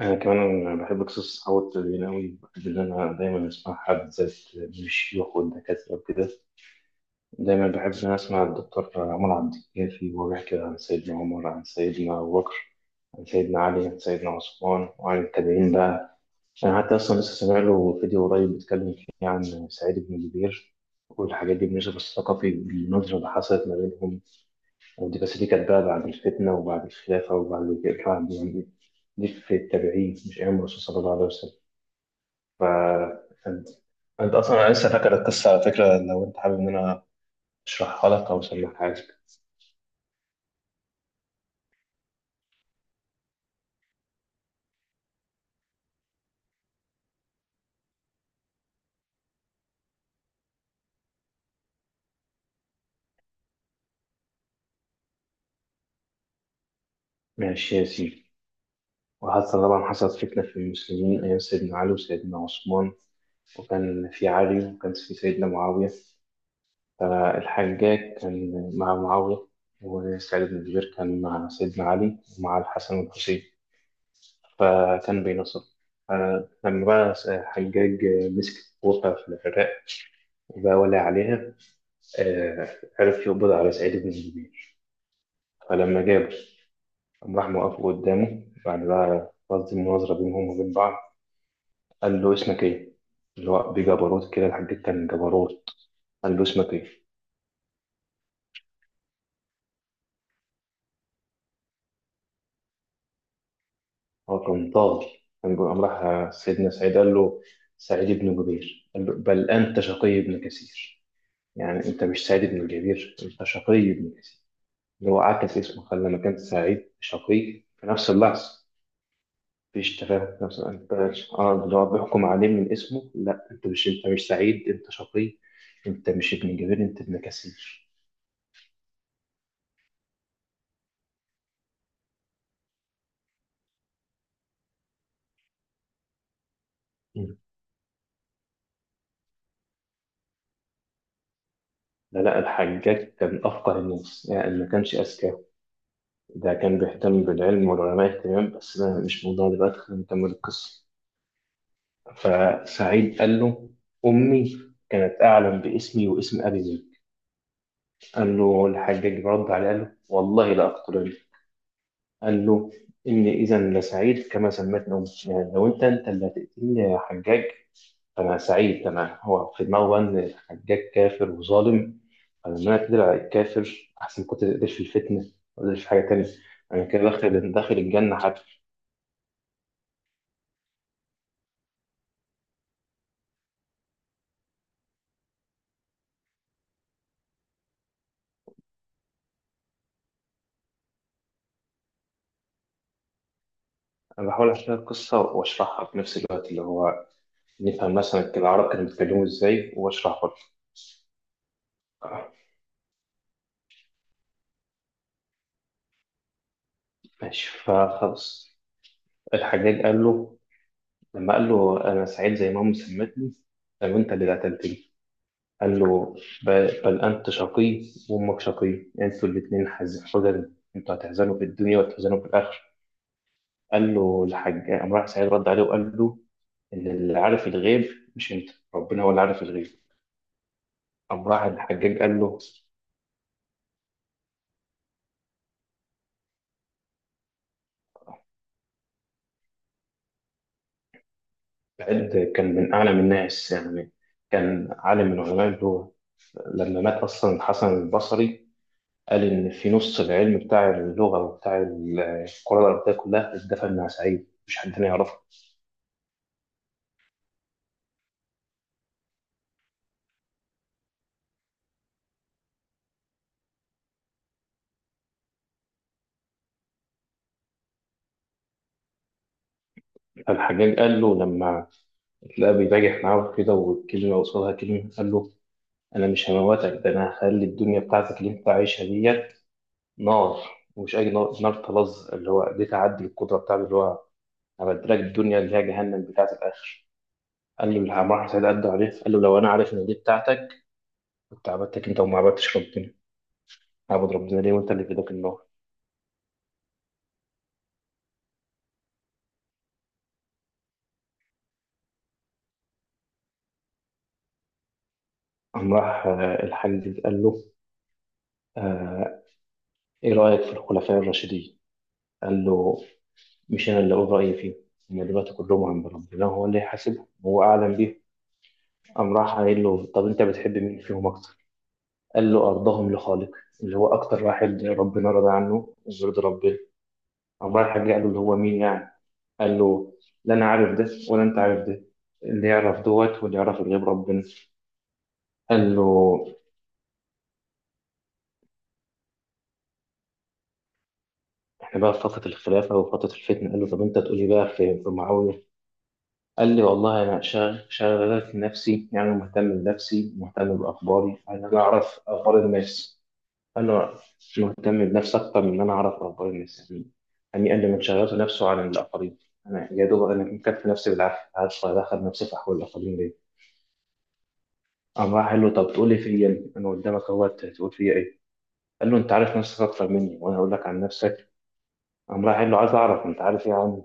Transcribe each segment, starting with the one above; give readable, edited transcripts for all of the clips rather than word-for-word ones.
أنا كمان بحب قصص الصحاب والتدريبين أوي، بحب إن أنا دايما أسمع حد زي من الشيوخ والدكاترة وكده. دايما بحب إن أنا أسمع الدكتور عمر عبد الكافي وهو بيحكي عن سيدنا عمر، عن سيدنا أبو بكر، عن سيدنا علي، عن سيدنا عثمان، وعن التابعين بقى. أنا حتى أصلا لسه سامع له فيديو قريب بيتكلم فيه عن سعيد بن جبير والحاجات دي، بالنسبة الثقافي بالنظرة اللي حصلت ما بينهم. ودي بس دي كانت بقى بعد الفتنة وبعد الخلافة وبعد يعني دي في التابعين، مش أيام الرسول صلى الله عليه وسلم. ف انت انت اصلا انا لسه فاكر القصه على فكره، لو انت حابب ان انا اشرحها لك او اسمعها لك. ماشي يا سيدي، وحصل طبعا، حصلت فتنه في المسلمين ايام سيدنا علي وسيدنا عثمان، وكان في علي وكان في سيدنا معاويه. فالحجاج كان مع معاويه، وسعيد بن جبير كان مع سيدنا علي ومع الحسن والحسين، فكان بينصر. فلما بقى الحجاج مسك وقع في العراق وبقى ولي عليها، آه، عرف يقبض على سعيد بن جبير. فلما جابه، قام راح موقفه قدامه، بعد بقى قصد المناظرة بينهم وبين بعض، قال له: اسمك ايه؟ اللي هو بجبروت كده، الحاج كان جبروت. قال له: اسمك ايه؟ هو كان طاغي. قام راح سيدنا سعيد قال له، سعيد بن جبير قال له: بل أنت شقي بن كثير. يعني أنت مش سعيد بن جبير، أنت شقي بن كثير. اللي هو عكس اسمه، خلى مكان سعيد شقي في نفس اللحظة. مفيش تفاهم في نفس انت. اه، اللي هو بيحكم عليه من اسمه. لا انت مش، انت مش سعيد، انت شقي. انت مش ابن جبير، انت ابن كثير. مم. لا الحجاج كان افقه الناس يعني، ما كانش اذكى. ده كان بيهتم بالعلم والعلماء اهتمام، بس ده مش موضوع دلوقتي، خلينا نكمل القصه. فسعيد قال له: امي كانت اعلم باسمي واسم ابي زيد. قال له الحجاج رد عليه قال له: والله لا اقتلن. قال له: إني إذا لسعيد كما سمتني أمي. يعني لو أنت، أنت اللي هتقتلني يا حجاج، فأنا سعيد. أنا هو في دماغه بقى إن الحجاج كافر وظالم، فلما أنا أقدر على الكافر أحسن، كنت تقدرش في الفتنة، ما تقدرش في حاجة تانية. أنا كده داخل، داخل الجنة حتى. أنا بحاول أحكي القصة وأشرحها في نفس الوقت، اللي هو نفهم مثلا العرب كانوا بيتكلموا إزاي، وأشرح برضه. آه، ماشي فخلاص. الحجاج قال له لما قال له أنا سعيد زي ما أمي سمتني، لو أنت اللي قتلتني، قال له: ب- بل أنت شقي وأمك شقي، أنتوا الاتنين حزن، أنتوا هتحزنوا في الدنيا وتحزنوا في الآخرة. قال له الحاج، قام راح سعيد رد عليه وقال له: إن اللي عارف الغيب مش أنت، ربنا هو اللي عارف الغيب. قام راح الحجاج قال له، سعيد كان من أعلم الناس يعني، كان عالم من علماء اللغة. لما مات أصلا الحسن البصري قال إن في نص العلم بتاع اللغة وبتاع القراءة العربية كلها اتدفن مع سعيد، مش حد تاني يعرفه. فالحجاج قال له لما لا، بيباجح معاه كده والكلمة قصادها كلمة، قال له: أنا مش هموتك، ده أنا هخلي الدنيا بتاعتك اللي أنت عايشها ديت نار. ومش أي نار، نار طلظ، اللي هو دي تعدي القدرة بتاعته اللي هو هبدلك الدنيا اللي هي جهنم بتاعة الآخر. قال له العمار سعيد قد عليه قال له: لو أنا عارف إن دي بتاعتك، كنت عبدتك أنت وما عبدتش ربنا. عبد ربنا ليه وأنت اللي في ايدك النار؟ قام راح الحاج قال له، آه، إيه رأيك في الخلفاء الراشدين؟ قال له: مش أنا اللي أقول رأيي فيه، هم دلوقتي كلهم عند ربنا، هو اللي يحاسبهم، هو أعلم بيهم. قام راح قايل له: طب أنت بتحب مين فيهم أكتر؟ قال له: أرضهم لخالق. اللي هو أكتر واحد ربنا رضى عنه ويرضي ربنا. قام رايح رجع له: اللي هو مين يعني؟ قال له: لا أنا عارف ده، ولا أنت عارف ده. اللي يعرف دوت واللي يعرف غير ربنا. قال له: احنا بقى في فترة الخلافة وفترة الفتنة، قال له: طب انت تقولي بقى في معاوية. قال لي: والله انا شغال نفسي، يعني مهتم بنفسي، مهتم باخباري، ان انا اعرف اخبار الناس. انا مهتم بنفسي اكتر من ان انا اعرف اخبار الناس يعني. يعني قال لي: من شغلت نفسه عن الاخرين، انا يا دوب انا مكفي نفسي بالعافيه، عارف ادخل نفسي في احوال الاخرين ليه. قام راح قال له: طب تقول لي فيا إيه؟ انا قدامك اهوت، هتقول فيا ايه. قال له: انت عارف نفسك اكتر مني، وانا اقول لك عن نفسك. قام راح قال له: عايز اعرف انت عارف ايه عني.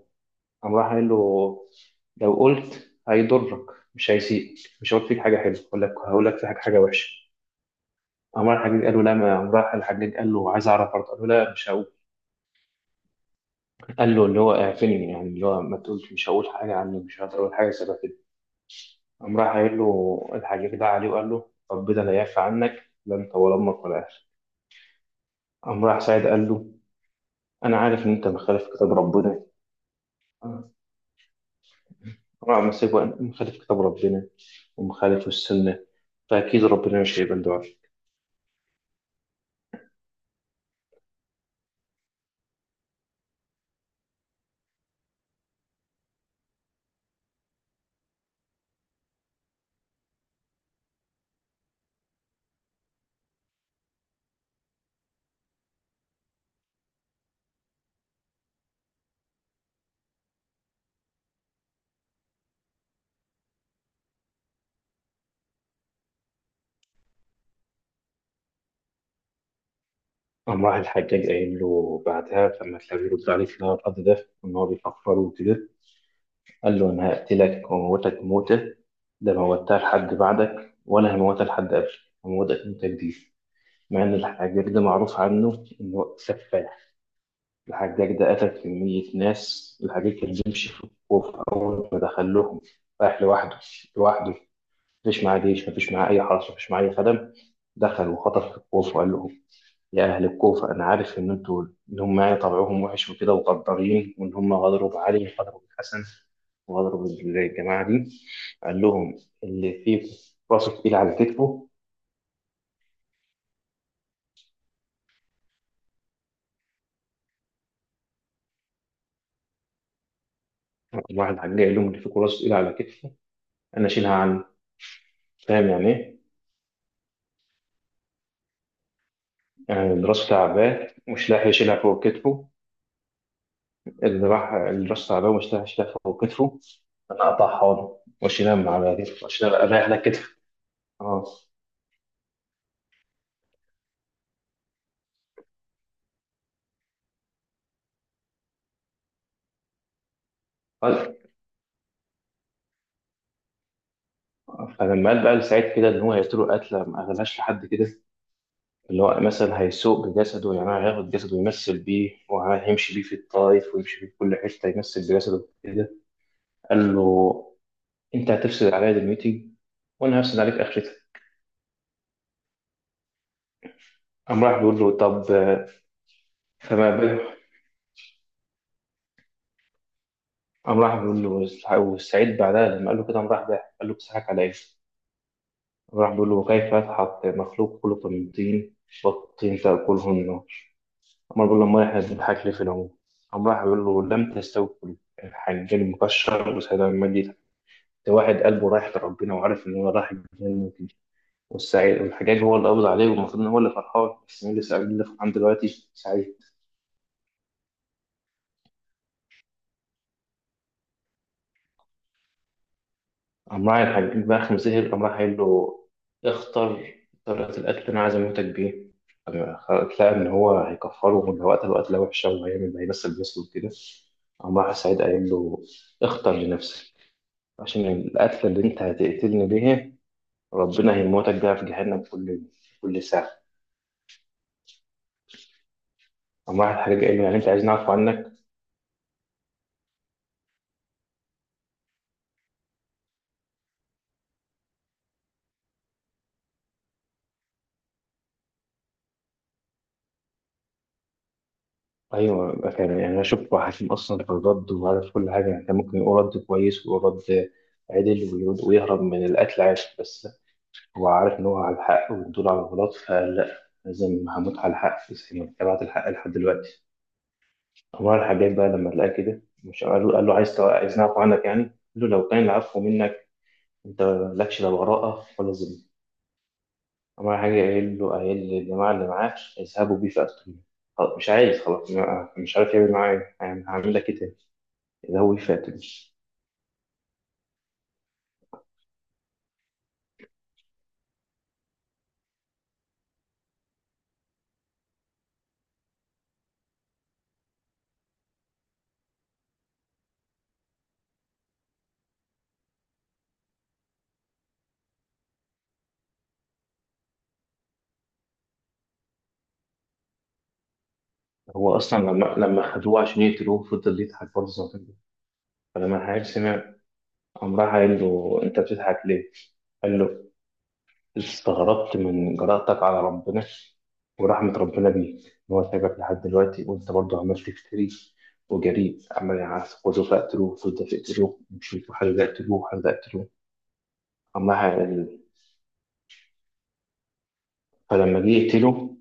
قام راح قال له: لو قلت هيضرك، مش هيسيئك، مش هقول فيك حاجه حلوه، هقول لك، هقول لك في حاجه، حاجه وحشه. قام راح الحجاج قال له: لا، ما قام راح الحجاج قال له عايز اعرف برضه، قال له: لا مش هقول. قال له اللي هو اعفني، يعني اللي هو ما تقولش، مش هقول حاجه عني، مش هقدر اقول حاجه شبه كده. قام راح قايل له الحجاج ده عليه وقال له: ربنا لا يعفى عنك، لا انت ولا امك ولا اهلك. قام راح سعيد قال له: انا عارف ان انت مخالف كتاب ربنا. قام راح مسكه، مخالف كتاب ربنا ومخالف السنه، فاكيد ربنا مش هيقبل دعاء. قام راح الحجاج قايل له بعدها لما تلاقيه يرد عليه في الهواء الأرض ده إن هو بيفكر وكده، قال له: أنا هقتلك وأموتك موتة ده ما موتها لحد بعدك ولا هموتها لحد قبلك، هموتك موتة جديدة. مع إن الحجاج ده معروف عنه إنه سفاح، الحجاج ده قتل كمية ناس. الحجاج كان بيمشي في الخوف أول ما دخلهم رايح لوحده، لوحده، مفيش معاه جيش، مفيش معاه أي حرس، مفيش معاه أي خدم. دخل وخطف في الخوف وقال لهم: يا أهل الكوفة، أنا عارف إن أنتوا، إن هم يعني طبعهم وحش وكده وغدارين، وإن هم غدروا بعلي وغدروا بالحسن وغدروا بالجماعة دي. قال لهم: اللي فيكم راسه تقيل على كتفه. واحد حاج قال لهم: اللي فيكم راسه تقيل على كتفه أنا أشيلها عنه. فاهم يعني إيه؟ يعني اللي راسه تعبان مش لاحق يشيلها فوق كتفه. اللي راح، اللي راسه تعبان مش لاحق يشيلها فوق كتفه، أنا أقطعها له وأشيلها على كتفه، وأشيلها أريح على كتفه. أه. قال- فلما قال بقى لسعيد كده ان هو هيقتله قتله ما قالهاش لحد كده، اللي هو مثلا هيسوق بجسده، يعني هياخد جسده يمثل بيه وهيمشي بيه في الطائف ويمشي بيه في كل حتة، يمثل بجسده كده. قال له: أنت هتفسد عليا دنيتي، وأنا هفسد عليك آخرتك. قام راح بيقول له: طب فما بالك. قام راح بيقول له، والسعيد بعدها لما قال له كده قام راح ضحك، قال له: بتضحك على إيه؟ قام راح بيقول له: وكيف يضحك مخلوق خلق من طين والطين تأكله النار. قام بيقول له: أمال إحنا بنضحك ليه في العموم؟ قام راح بيقول له: لم تستوي الحنجان المكشر وسعيد المجلس. ده واحد قلبه رايح لربنا وعارف ان هو رايح الجنه وكده، والسعيد، والحجاج هو اللي قبض عليه والمفروض ان هو اللي فرحان، بس مين اللي سعيد اللي فرحان دلوقتي؟ سعيد. قام راح الحجاج بقى خمسة سهر قام راح قايل له: اختر طريقة القتل اللي انا عايز اموتك بيه. لقى ان هو هيكفره وان وقت القتلة وحشة وهيعمل هيمثل نفسه وكده. قام راح سعيد قايل له: اختر لنفسك، عشان القتلة اللي انت هتقتلني بيها ربنا هيموتك بيها في جهنم كل، كل ساعة. قام راح الحجاج قايل له: يعني انت عايز نعرف عنك. ايوه بقى فعلا، يعني انا شفت حكيم اصلا في الرد وعارف كل حاجه، يعني كان ممكن يقول رد كويس ويقول رد عدل ويهرب من القتل عادي، بس هو عارف ان هو على الحق ودول على الغلط، فلا لازم هموت على الحق بس، يعني تبعت الحق لحد دلوقتي. عمر الحجاج بقى لما لقاه كده مش قال له، قال له: عايز عايز نعفو عنك. يعني قال له: لو كان العفو منك انت، مالكش لا براءه ولا ذمه. عمر الحجاج قايل له، قايل للجماعه اللي معاه: اذهبوا بيه فاقتلوه. خلاص، مش عايز، خلاص. مش عارف يعمل معاه إيه. يعني هعمل لك ايه تاني، ده هو فاتن. هو اصلا لما خدوه عشان يقتلوه فضل يضحك برضه زي ما كان بيضحك. فلما الحاج سمع قام راح قال له: انت بتضحك ليه؟ قال له: استغربت من جرأتك على ربنا ورحمة ربنا بيك، إن هو سايبك لحد دلوقتي وأنت برضه عمال تفتري وجريء، عمال يعسكروا فاقتلوه، فضل فاقتلوه مش عارف حد يقتلوه، حد يقتلوه. أما فلما جه يقتله